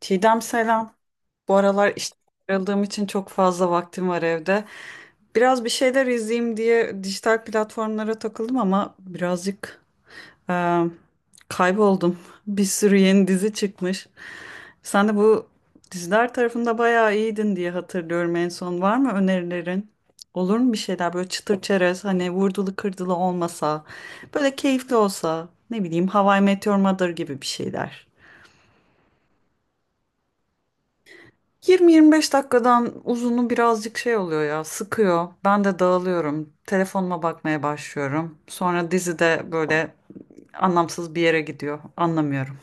Çiğdem selam. Bu aralar işte ayrıldığım için çok fazla vaktim var evde. Biraz bir şeyler izleyeyim diye dijital platformlara takıldım ama birazcık e, kayboldum. Bir sürü yeni dizi çıkmış. Sen de bu diziler tarafında bayağı iyiydin diye hatırlıyorum en son. Var mı önerilerin? Olur mu bir şeyler böyle çıtır çerez, hani vurdulu kırdılı olmasa, böyle keyifli olsa, ne bileyim How I Met Your Mother gibi bir şeyler. 20-25 dakikadan uzunu birazcık şey oluyor ya, sıkıyor. Ben de dağılıyorum. Telefonuma bakmaya başlıyorum. Sonra dizi de böyle anlamsız bir yere gidiyor. Anlamıyorum.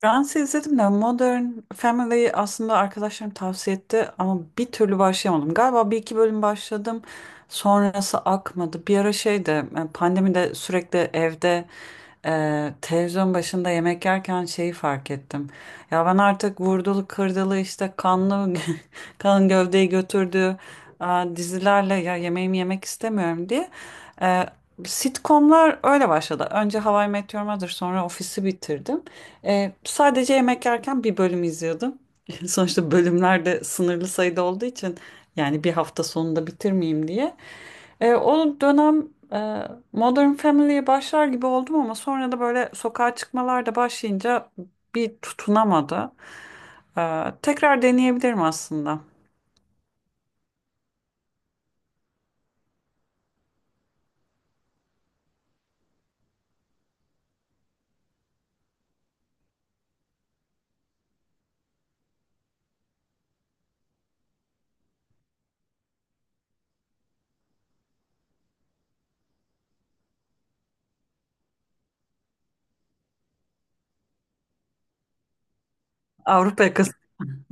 Friends'i izledim de Modern Family'yi aslında arkadaşlarım tavsiye etti ama bir türlü başlayamadım. Galiba bir iki bölüm başladım, sonrası akmadı. Bir ara şeyde, pandemide, sürekli evde televizyon başında yemek yerken şeyi fark ettim. Ya ben artık vurdulu kırdılı işte kanlı kan gövdeyi götürdüğü dizilerle ya yemeğimi yemek istemiyorum diye. E, Sitcomlar öyle başladı. Önce How I Met Your Mother, sonra Office'i bitirdim. Sadece yemek yerken bir bölüm izliyordum. Sonuçta bölümler de sınırlı sayıda olduğu için, yani bir hafta sonunda bitirmeyeyim diye. O dönem e, Modern Family'ye başlar gibi oldum ama sonra da böyle sokağa çıkmalar da başlayınca bir tutunamadı. Tekrar deneyebilirim aslında. Avrupa yakası.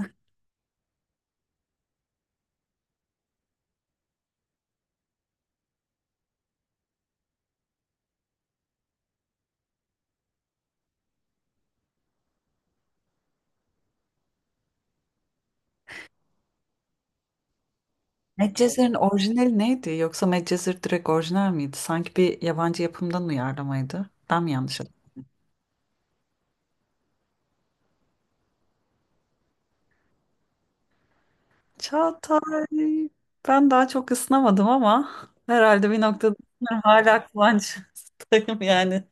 Medcezir'in orijinali neydi? Yoksa Medcezir direkt orijinal miydi? Sanki bir yabancı yapımdan uyarlamaydı. Ben mi yanlış... Çağatay, ben daha çok ısınamadım ama herhalde bir noktada hala kıvançtayım yani.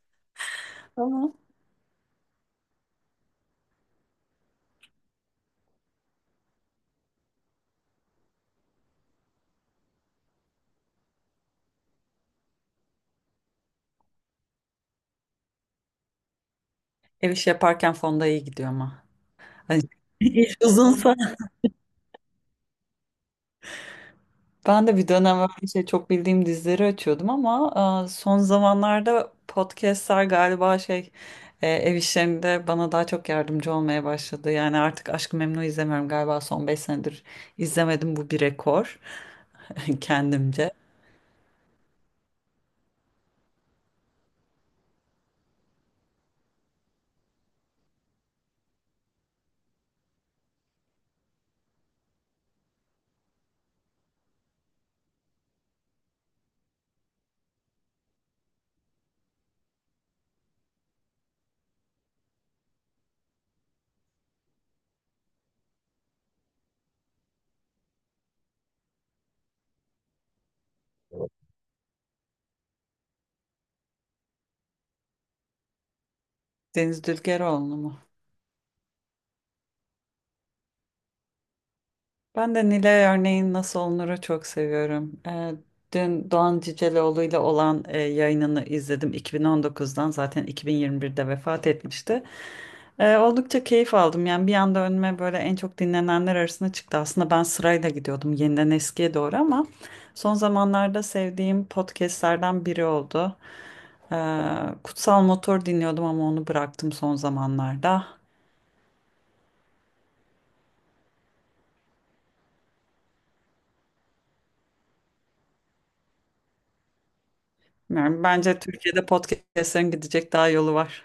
Ama ev işi yaparken fonda iyi gidiyor ama. Hani iş uzunsa. Ben de bir dönem öyle şey, çok bildiğim dizileri açıyordum ama son zamanlarda podcastler galiba şey ev işlerinde bana daha çok yardımcı olmaya başladı. Yani artık Aşk-ı Memnu izlemiyorum, galiba son 5 senedir izlemedim, bu bir rekor kendimce. Deniz Dülgeroğlu mu? Ben de Nilay örneğin nasıl olunur'u çok seviyorum. Dün Doğan Ciceloğlu ile olan yayınını izledim, 2019'dan, zaten 2021'de vefat etmişti. Oldukça keyif aldım yani, bir anda önüme böyle en çok dinlenenler arasında çıktı. Aslında ben sırayla gidiyordum yeniden eskiye doğru ama son zamanlarda sevdiğim podcastlerden biri oldu. Ee, Kutsal Motor dinliyordum ama onu bıraktım son zamanlarda. Yani bence Türkiye'de podcastlerin gidecek daha yolu var.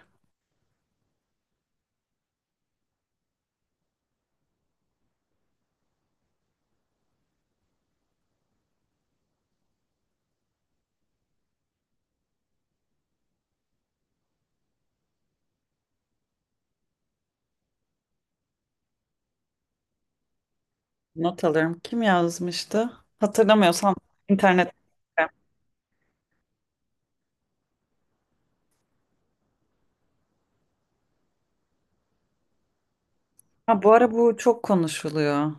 Not alırım. Kim yazmıştı? Hatırlamıyorsam internet. Ha, bu ara bu çok konuşuluyor.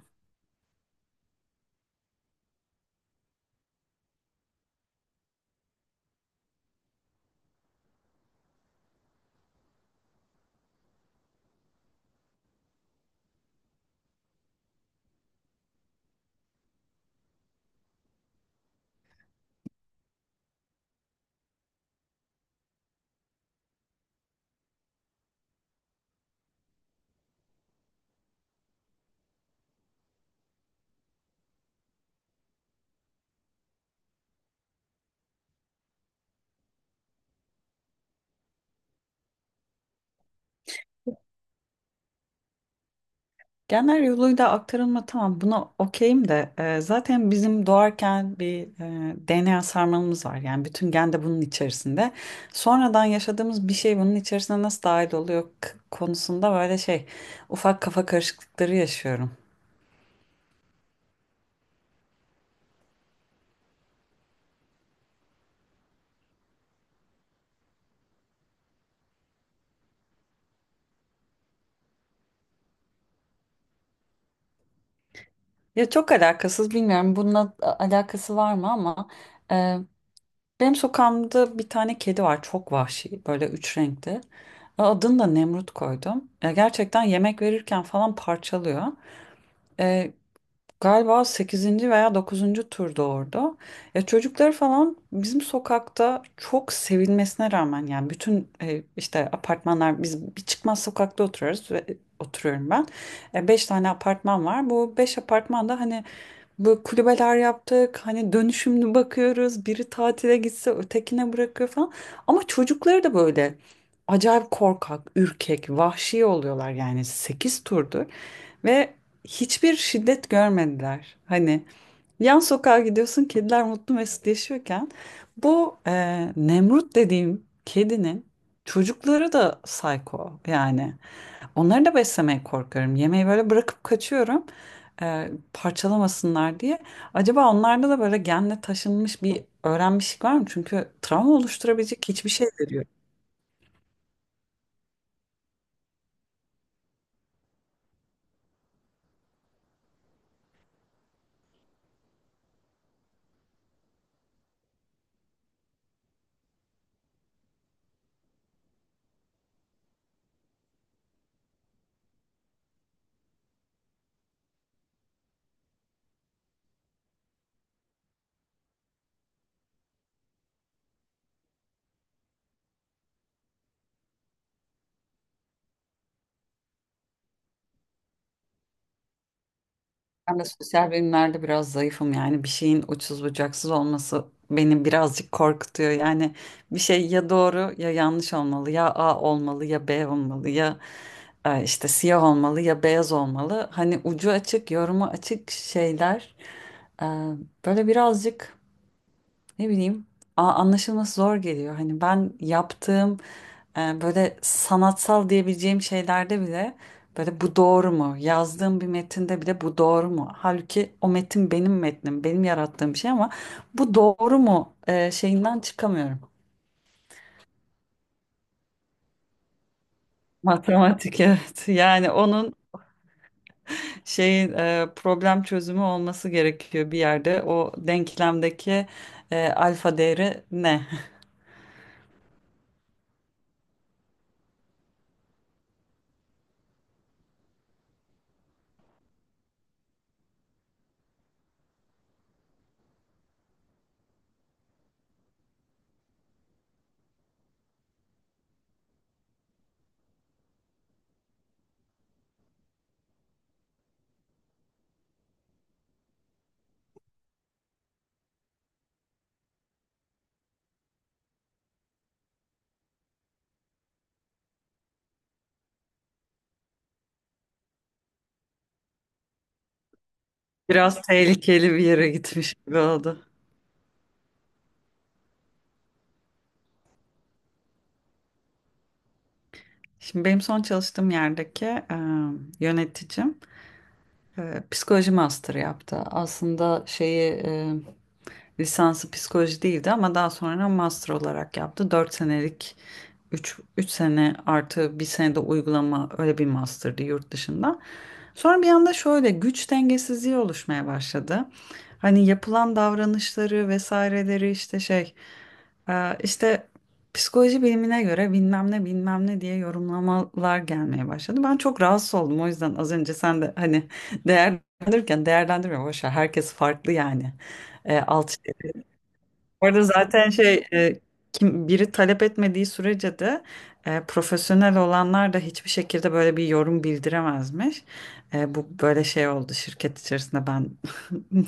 Genel yoluyla aktarılma, tamam, buna okeyim de, zaten bizim doğarken bir DNA sarmalımız var. Yani bütün gen de bunun içerisinde. Sonradan yaşadığımız bir şey bunun içerisine nasıl dahil oluyor konusunda, böyle şey, ufak kafa karışıklıkları yaşıyorum. Ya çok alakasız, bilmiyorum bununla alakası var mı ama benim sokağımda bir tane kedi var, çok vahşi, böyle üç renkli. Adını da Nemrut koydum. Ya gerçekten yemek verirken falan parçalıyor. E, galiba sekizinci veya dokuzuncu tur doğurdu. Ya çocukları falan bizim sokakta çok sevilmesine rağmen, yani bütün işte apartmanlar, biz bir çıkmaz sokakta oturuyoruz ve oturuyorum ben. Beş tane apartman var. Bu beş apartman da hani böyle kulübeler yaptık. Hani dönüşümlü bakıyoruz. Biri tatile gitse ötekine bırakıyor falan. Ama çocukları da böyle acayip korkak, ürkek, vahşi oluyorlar, yani 8 turdur ve hiçbir şiddet görmediler. Hani yan sokağa gidiyorsun kediler mutlu mesut yaşıyorken, bu Nemrut dediğim kedinin çocukları da psycho yani. Onları da beslemeye korkuyorum. Yemeği böyle bırakıp kaçıyorum parçalamasınlar diye. Acaba onlarda da böyle genle taşınmış bir öğrenmişlik var mı? Çünkü travma oluşturabilecek hiçbir şey veriyor. Ben de sosyal bilimlerde biraz zayıfım, yani bir şeyin uçsuz bucaksız olması beni birazcık korkutuyor. Yani bir şey ya doğru ya yanlış olmalı, ya A olmalı ya B olmalı, ya işte siyah olmalı ya beyaz olmalı. Hani ucu açık, yorumu açık şeyler e, böyle birazcık, ne bileyim, anlaşılması zor geliyor. Hani ben yaptığım böyle sanatsal diyebileceğim şeylerde bile, böyle bu doğru mu? Yazdığım bir metinde bile bu doğru mu? Halbuki o metin benim metnim, benim yarattığım bir şey ama bu doğru mu şeyinden çıkamıyorum. Matematik evet. Yani onun şeyin, problem çözümü olması gerekiyor bir yerde. O denklemdeki alfa değeri ne? Biraz tehlikeli bir yere gitmiş gibi oldu. Şimdi benim son çalıştığım yerdeki yöneticim psikoloji master yaptı. Aslında şeyi, lisansı psikoloji değildi ama daha sonra master olarak yaptı. 4 senelik, üç sene artı bir sene de uygulama, öyle bir master'dı yurt dışında. Sonra bir anda şöyle güç dengesizliği oluşmaya başladı. Hani yapılan davranışları vesaireleri, işte şey, işte psikoloji bilimine göre bilmem ne bilmem ne diye yorumlamalar gelmeye başladı. Ben çok rahatsız oldum, o yüzden az önce sen de hani değerlendirirken, değerlendirme boş ver, herkes farklı yani. E, alt Orada zaten şey, kim biri talep etmediği sürece de profesyonel olanlar da hiçbir şekilde böyle bir yorum bildiremezmiş. Bu böyle şey oldu şirket içerisinde, ben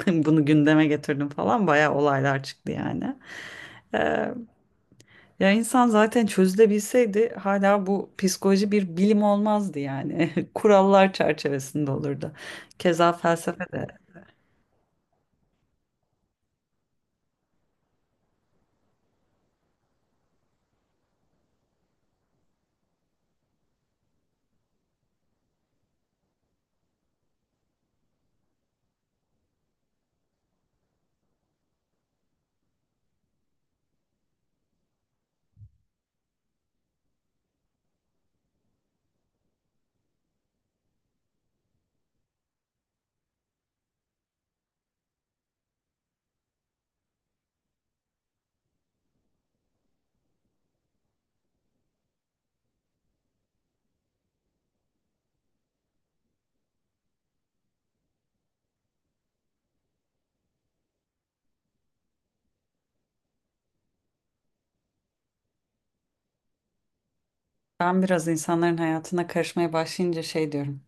bunu gündeme getirdim falan, bayağı olaylar çıktı yani. E, ya insan zaten çözülebilseydi hala bu psikoloji bir bilim olmazdı yani. Kurallar çerçevesinde olurdu. Keza felsefe de. Ben biraz insanların hayatına karışmaya başlayınca şey diyorum.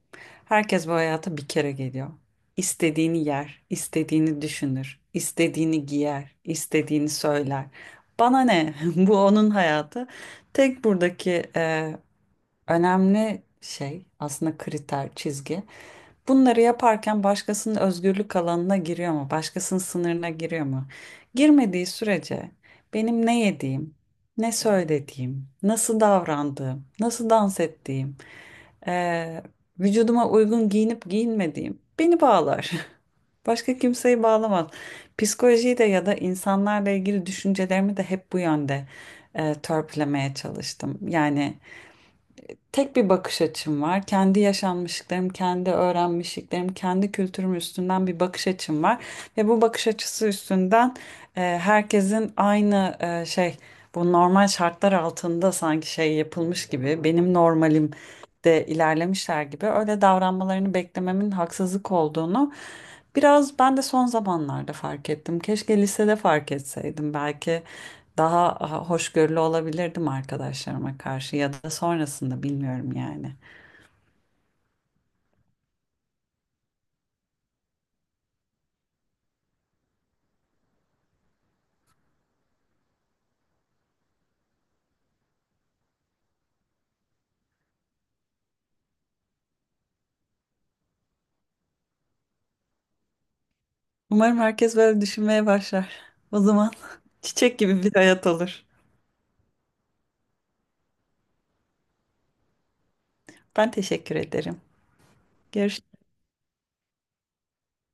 Herkes bu hayata bir kere geliyor. İstediğini yer, istediğini düşünür, istediğini giyer, istediğini söyler. Bana ne? Bu onun hayatı. Tek buradaki önemli şey aslında kriter, çizgi. Bunları yaparken başkasının özgürlük alanına giriyor mu? Başkasının sınırına giriyor mu? Girmediği sürece benim ne yediğim, ne söylediğim, nasıl davrandığım, nasıl dans ettiğim, eee, vücuduma uygun giyinip giyinmediğim beni bağlar. Başka kimseyi bağlamaz. Psikolojiyi de ya da insanlarla ilgili düşüncelerimi de hep bu yönde törpülemeye çalıştım. Yani tek bir bakış açım var. Kendi yaşanmışlıklarım, kendi öğrenmişliklerim, kendi kültürüm üstünden bir bakış açım var. Ve bu bakış açısı üstünden herkesin aynı, şey, bu normal şartlar altında sanki şey yapılmış gibi, benim normalim de ilerlemişler gibi öyle davranmalarını beklememin haksızlık olduğunu biraz ben de son zamanlarda fark ettim. Keşke lisede fark etseydim belki. Daha hoşgörülü olabilirdim arkadaşlarıma karşı ya da sonrasında, bilmiyorum yani. Umarım herkes böyle düşünmeye başlar. O zaman çiçek gibi bir hayat olur. Ben teşekkür ederim. Görüşürüz.